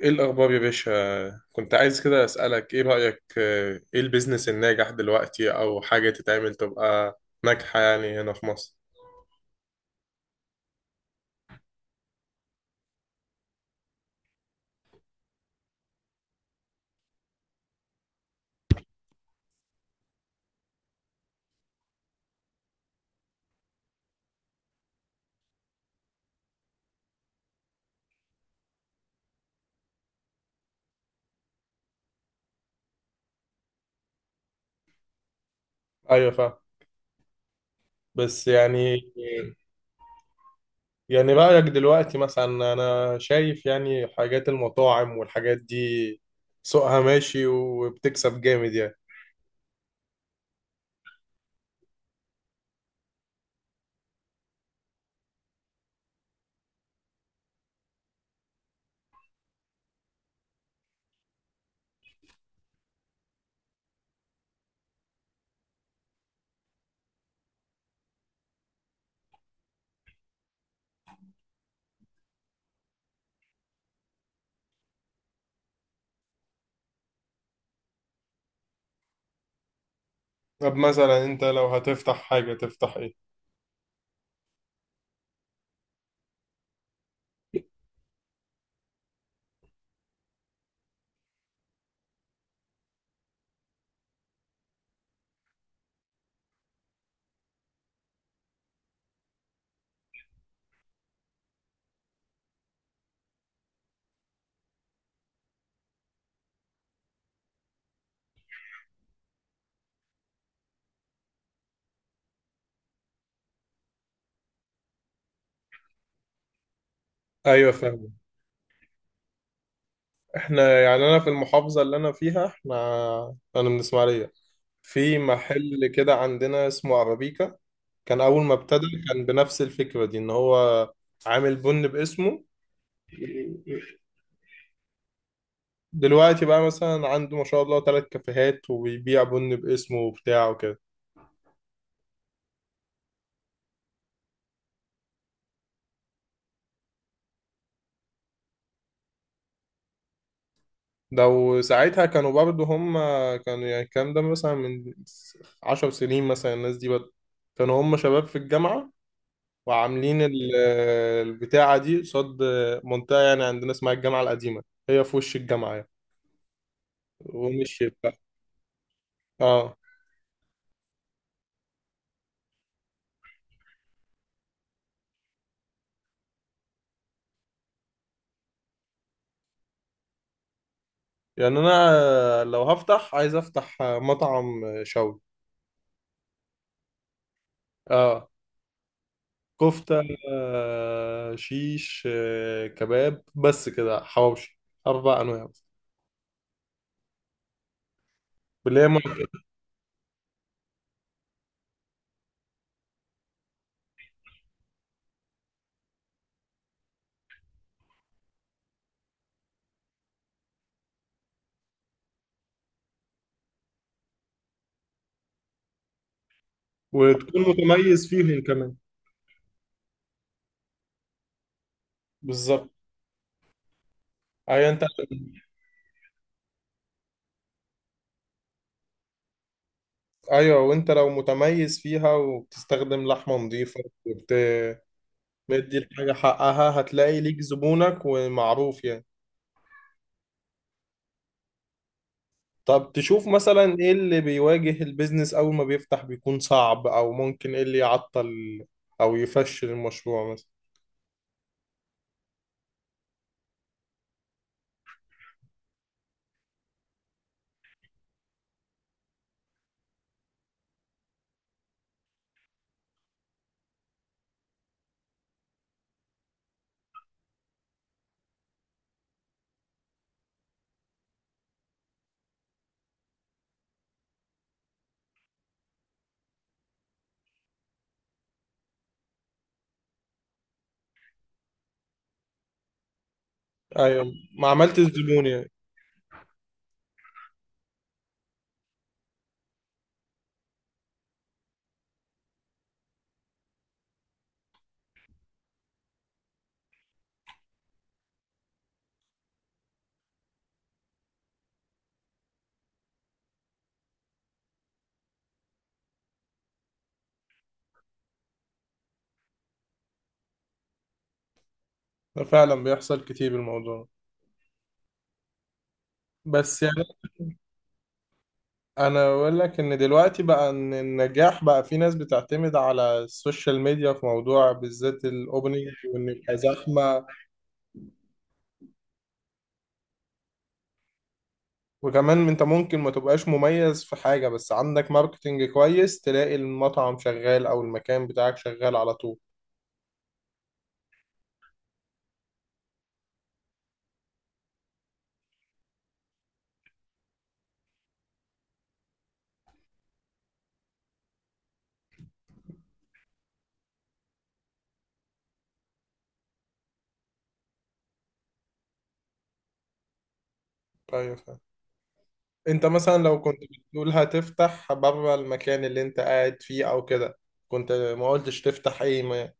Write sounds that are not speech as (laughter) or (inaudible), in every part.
ايه الاخبار يا باشا؟ كنت عايز كده اسالك ايه رايك، ايه البيزنس الناجح دلوقتي، او حاجه تتعمل تبقى ناجحه يعني، هنا في مصر. ايوه، فاهم. بس، يعني رايك دلوقتي مثلا؟ انا شايف يعني حاجات المطاعم والحاجات دي سوقها ماشي وبتكسب جامد يعني. طب مثلا انت لو هتفتح حاجة تفتح ايه؟ ايوه، فاهم. احنا، يعني انا في المحافظة اللي انا فيها، انا من اسماعيلية. في محل كده عندنا اسمه عربيكا، كان أول ما ابتدى كان بنفس الفكرة دي، إن هو عامل بن باسمه. دلوقتي بقى مثلا عنده، ما شاء الله، 3 كافيهات وبيبيع بن باسمه وبتاع وكده. ده وساعتها كانوا برضه هم، كانوا يعني، الكلام ده مثلا من 10 سنين، مثلا الناس دي بدأ. كانوا هم شباب في الجامعة وعاملين البتاعة دي قصاد منطقة، يعني عندنا اسمها الجامعة القديمة، هي في وش الجامعة يعني، ومشيت بقى. اه. يعني انا لو هفتح عايز افتح مطعم، شوي. اه. كفتة. شيش كباب، بس كده، حواوشي. 4 انواع بس، اللي هي ماركت. وتكون متميز فيهم كمان. بالظبط. ايوه، انت. ايوه، وانت لو متميز فيها وبتستخدم لحمة نظيفة، وبت مدي الحاجة حقها، هتلاقي ليك زبونك ومعروف يعني. طب تشوف مثلا ايه اللي بيواجه البيزنس اول ما بيفتح، بيكون صعب، او ممكن ايه اللي يعطل او يفشل المشروع مثلا؟ ايوه، ما عملتش زبون يعني. ده فعلا بيحصل كتير، الموضوع. بس يعني، انا اقول لك، ان دلوقتي بقى، ان النجاح بقى في ناس بتعتمد على السوشيال ميديا في موضوع بالذات الاوبننج، وان يبقى زحمه. وكمان انت ممكن ما تبقاش مميز في حاجه، بس عندك ماركتنج كويس، تلاقي المطعم شغال او المكان بتاعك شغال على طول. ايوه. انت مثلا لو كنت بتقول هتفتح بره المكان اللي انت قاعد فيه او كده، كنت ما قلتش تفتح ايه، ما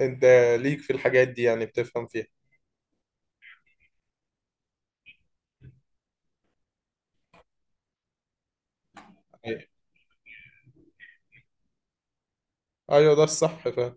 انت ليك في الحاجات دي، يعني بتفهم فيها. ايوه، ايوه، ده الصح فاهم.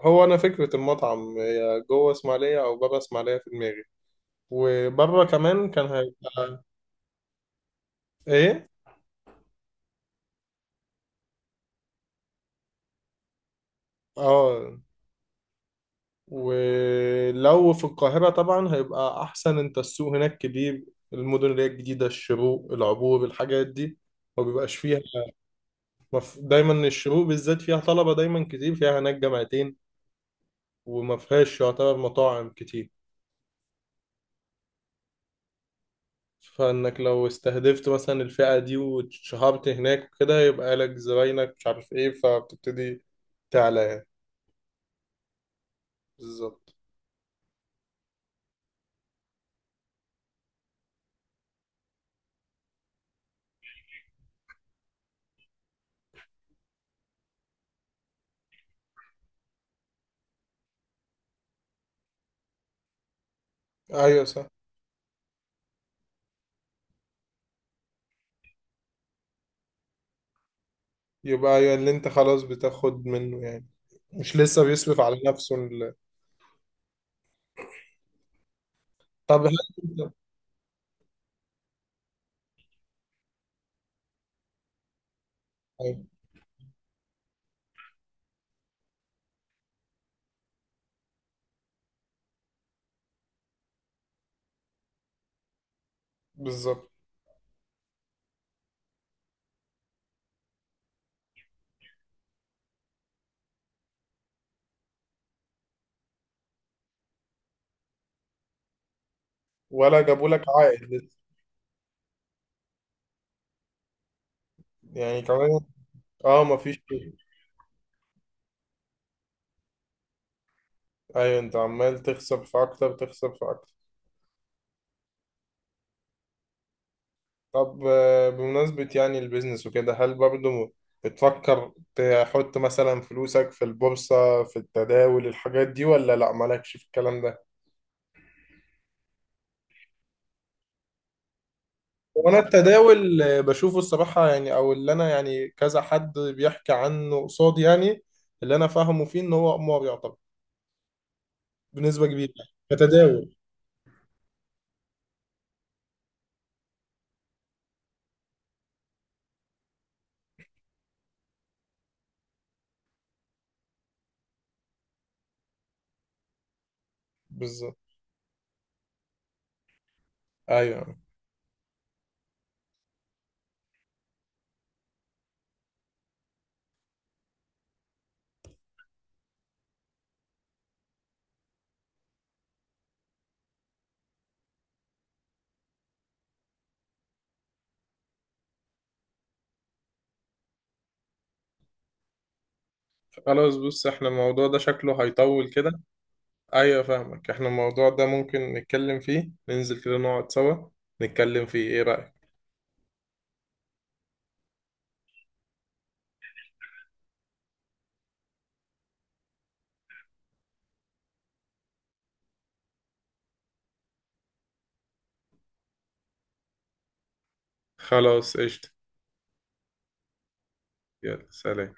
هو انا فكرة المطعم هي جوه اسماعيلية او بره اسماعيلية في دماغي، وبره كمان كان هيبقى. ايه. اه. ولو في القاهرة طبعا هيبقى احسن، انت السوق هناك كبير، المدن اللي هي الجديدة، الشروق، العبور، الحاجات دي ما بيبقاش فيها. دايما الشروق بالذات فيها طلبة دايما كتير، فيها هناك جامعتين، وما فيهاش يعتبر مطاعم كتير. فانك لو استهدفت مثلا الفئة دي واتشهرت هناك وكده، يبقى لك زباينك، مش عارف ايه، فبتبتدي تعلى يعني. بالظبط. ايوه، صح. يبقى ايوه، اللي انت خلاص بتاخد منه يعني، مش لسه بيصرف على نفسه. طب هل انت (laughs) أيوة، بالظبط. ولا جابوا لك عائد لسه. يعني كمان. اه، مفيش. ايوه، انت عمال تخسر في اكتر، تخسر في اكتر. طب، بمناسبة يعني البيزنس وكده، هل برضو بتفكر تحط مثلا فلوسك في البورصة، في التداول، الحاجات دي، ولا لا، مالكش في الكلام ده؟ وانا التداول، بشوفه الصراحة يعني، او اللي انا يعني كذا حد بيحكي عنه قصادي يعني، اللي انا فاهمه فيه ان هو قمار يعتبر بنسبة كبيرة يعني كتداول. بالظبط. ايوه، خلاص، بص، احنا الموضوع ده شكله هيطول كده. ايوه، فاهمك، احنا الموضوع ده ممكن نتكلم فيه، ننزل كده نقعد سوا نتكلم فيه، ايه رأيك؟ خلاص، قشطة. يلا، سلام.